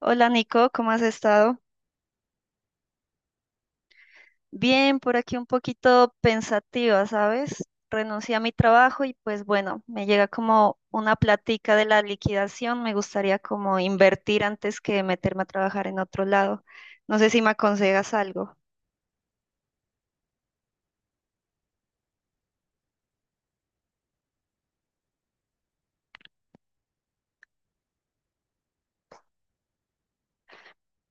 Hola Nico, ¿cómo has estado? Bien, por aquí un poquito pensativa, ¿sabes? Renuncié a mi trabajo y pues bueno, me llega como una platica de la liquidación, me gustaría como invertir antes que meterme a trabajar en otro lado. No sé si me aconsejas algo.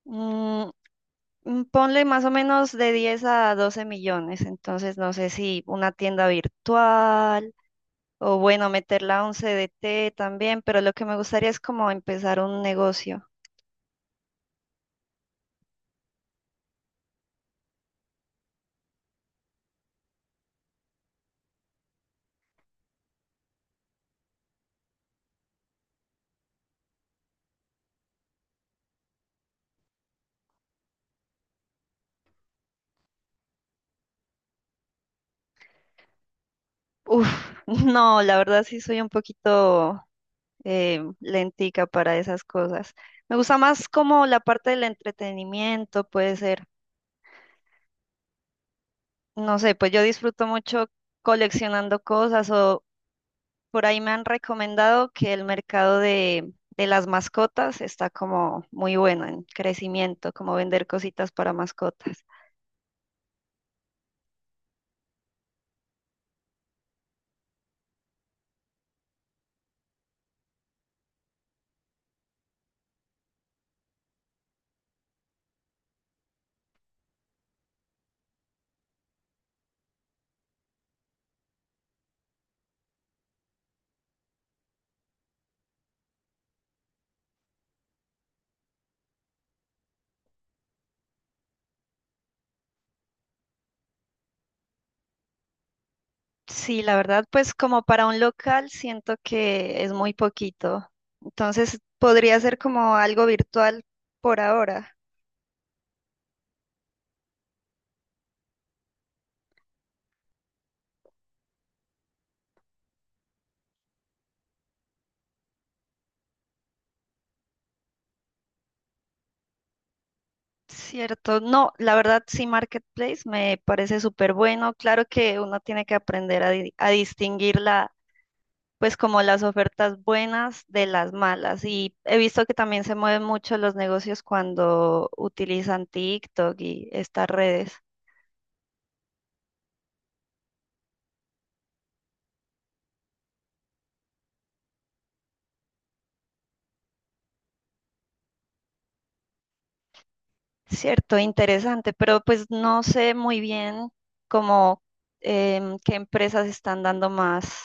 Mm, Ponle más o menos de 10 a 12 millones, entonces no sé si una tienda virtual o bueno, meterla a un CDT también, pero lo que me gustaría es como empezar un negocio. Uf, no, la verdad sí soy un poquito lentica para esas cosas. Me gusta más como la parte del entretenimiento, puede ser. No sé, pues yo disfruto mucho coleccionando cosas o por ahí me han recomendado que el mercado de las mascotas está como muy bueno en crecimiento, como vender cositas para mascotas. Sí, la verdad, pues como para un local siento que es muy poquito. Entonces podría ser como algo virtual por ahora, ¿cierto? No, la verdad sí, Marketplace me parece súper bueno. Claro que uno tiene que aprender a distinguir pues como las ofertas buenas de las malas. Y he visto que también se mueven mucho los negocios cuando utilizan TikTok y estas redes. Cierto, interesante, pero pues no sé muy bien cómo qué empresas están dando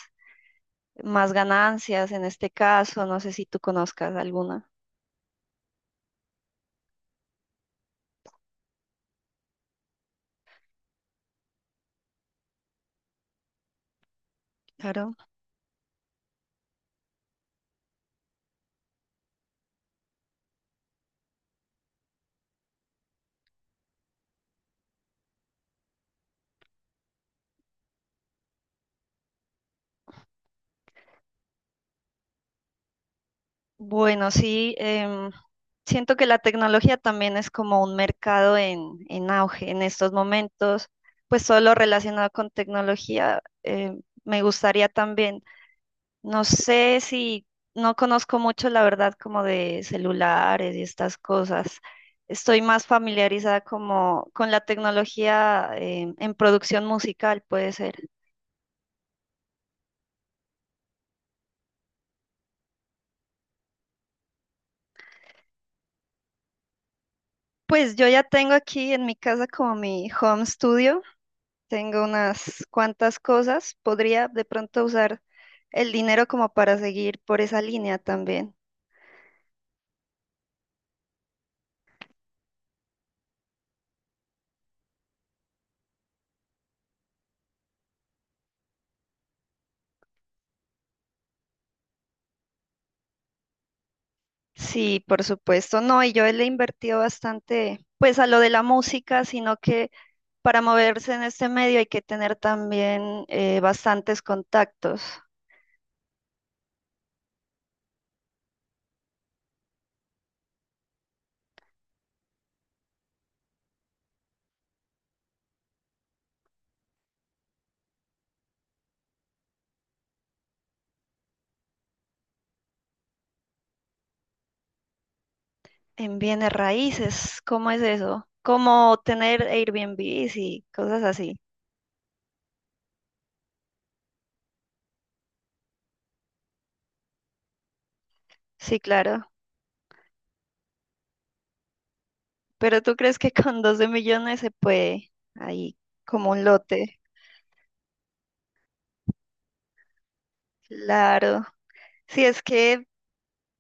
más ganancias en este caso, no sé si tú conozcas alguna. Claro. Bueno, sí, em, siento que la tecnología también es como un mercado en auge en estos momentos, pues todo lo relacionado con tecnología, me gustaría también. No sé si no conozco mucho, la verdad, como de celulares y estas cosas. Estoy más familiarizada como con la tecnología en producción musical, puede ser. Pues yo ya tengo aquí en mi casa como mi home studio. Tengo unas cuantas cosas. Podría de pronto usar el dinero como para seguir por esa línea también. Sí, por supuesto, no, y yo le he invertido bastante, pues a lo de la música, sino que para moverse en este medio hay que tener también bastantes contactos en bienes raíces. ¿Cómo es eso? Como tener Airbnbs y cosas así. Sí, claro. Pero ¿tú crees que con 12 millones se puede ahí como un lote? Claro. Sí, es que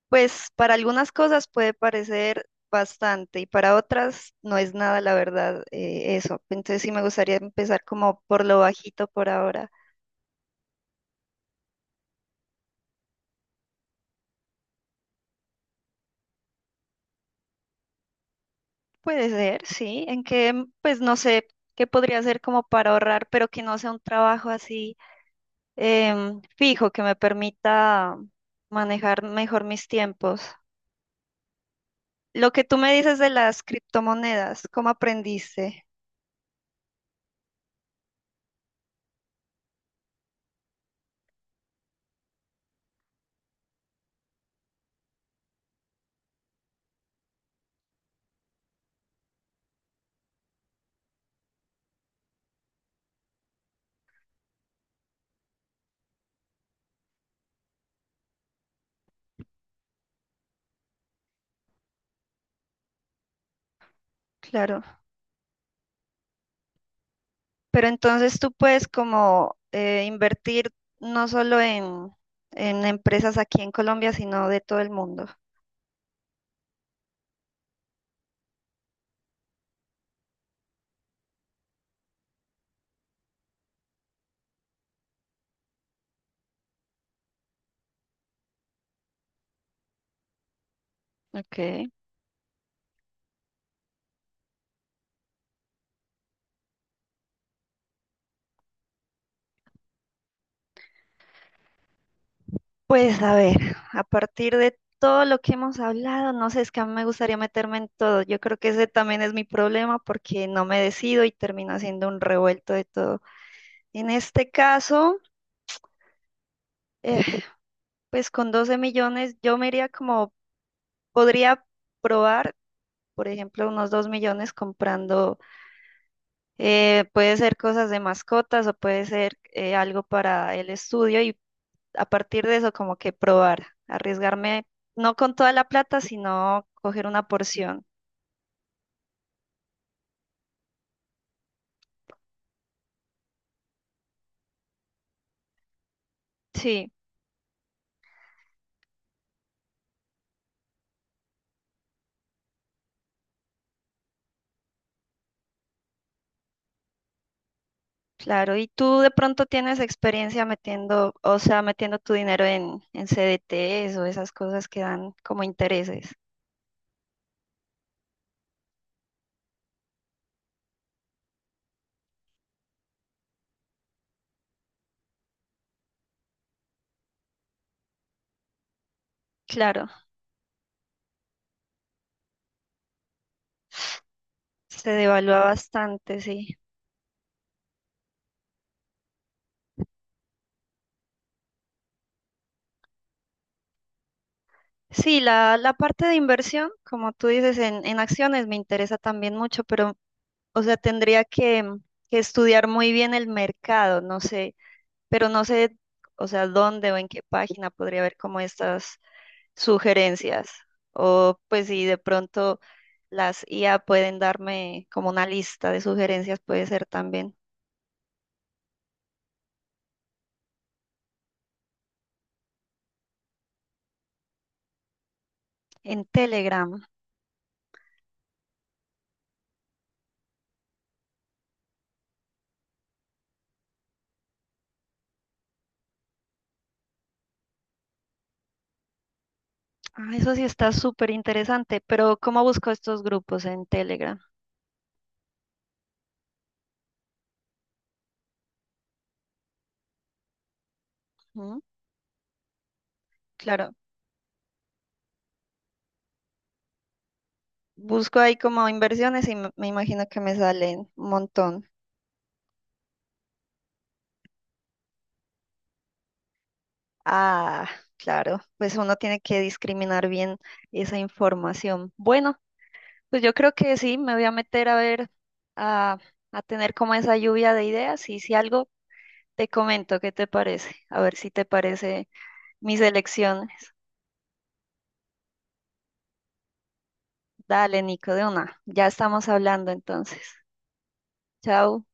pues para algunas cosas puede parecer bastante y para otras no es nada, la verdad, eso. Entonces sí me gustaría empezar como por lo bajito por ahora. Puede ser, sí, en que, mm, pues no sé qué podría ser como para ahorrar, pero que no sea un trabajo así fijo, que me permita manejar mejor mis tiempos. Lo que tú me dices de las criptomonedas, ¿cómo aprendiste? Claro, pero entonces tú puedes como invertir no solo en empresas aquí en Colombia, sino de todo el mundo. Ok. Pues a ver, a partir de todo lo que hemos hablado, no sé, es que a mí me gustaría meterme en todo. Yo creo que ese también es mi problema porque no me decido y termino haciendo un revuelto de todo. En este caso, eh, pues con 12 millones yo me iría como, podría probar, por ejemplo, unos 2 millones comprando, puede ser cosas de mascotas o puede ser algo para el estudio y a partir de eso como que probar, arriesgarme, no con toda la plata, sino coger una porción. Sí, claro. ¿Y tú de pronto tienes experiencia metiendo, o sea, metiendo tu dinero en CDTs o esas cosas que dan como intereses? Claro, se devalúa bastante, sí. Sí, la parte de inversión, como tú dices, en acciones me interesa también mucho, pero, o sea, tendría que estudiar muy bien el mercado, no sé. Pero no sé, o sea, dónde o en qué página podría ver como estas sugerencias. O pues si de pronto las IA pueden darme como una lista de sugerencias, puede ser también en Telegram. Ah, eso sí está súper interesante, pero ¿cómo busco estos grupos en Telegram? ¿Mm? Claro, busco ahí como inversiones y me imagino que me salen un montón. Ah, claro, pues uno tiene que discriminar bien esa información. Bueno. Pues yo creo que sí, me voy a meter a ver, a, a tener como esa lluvia de ideas y si algo te comento, ¿qué te parece? A ver si te parece mis elecciones. Dale, Nico, de una. Ya estamos hablando entonces. Chao.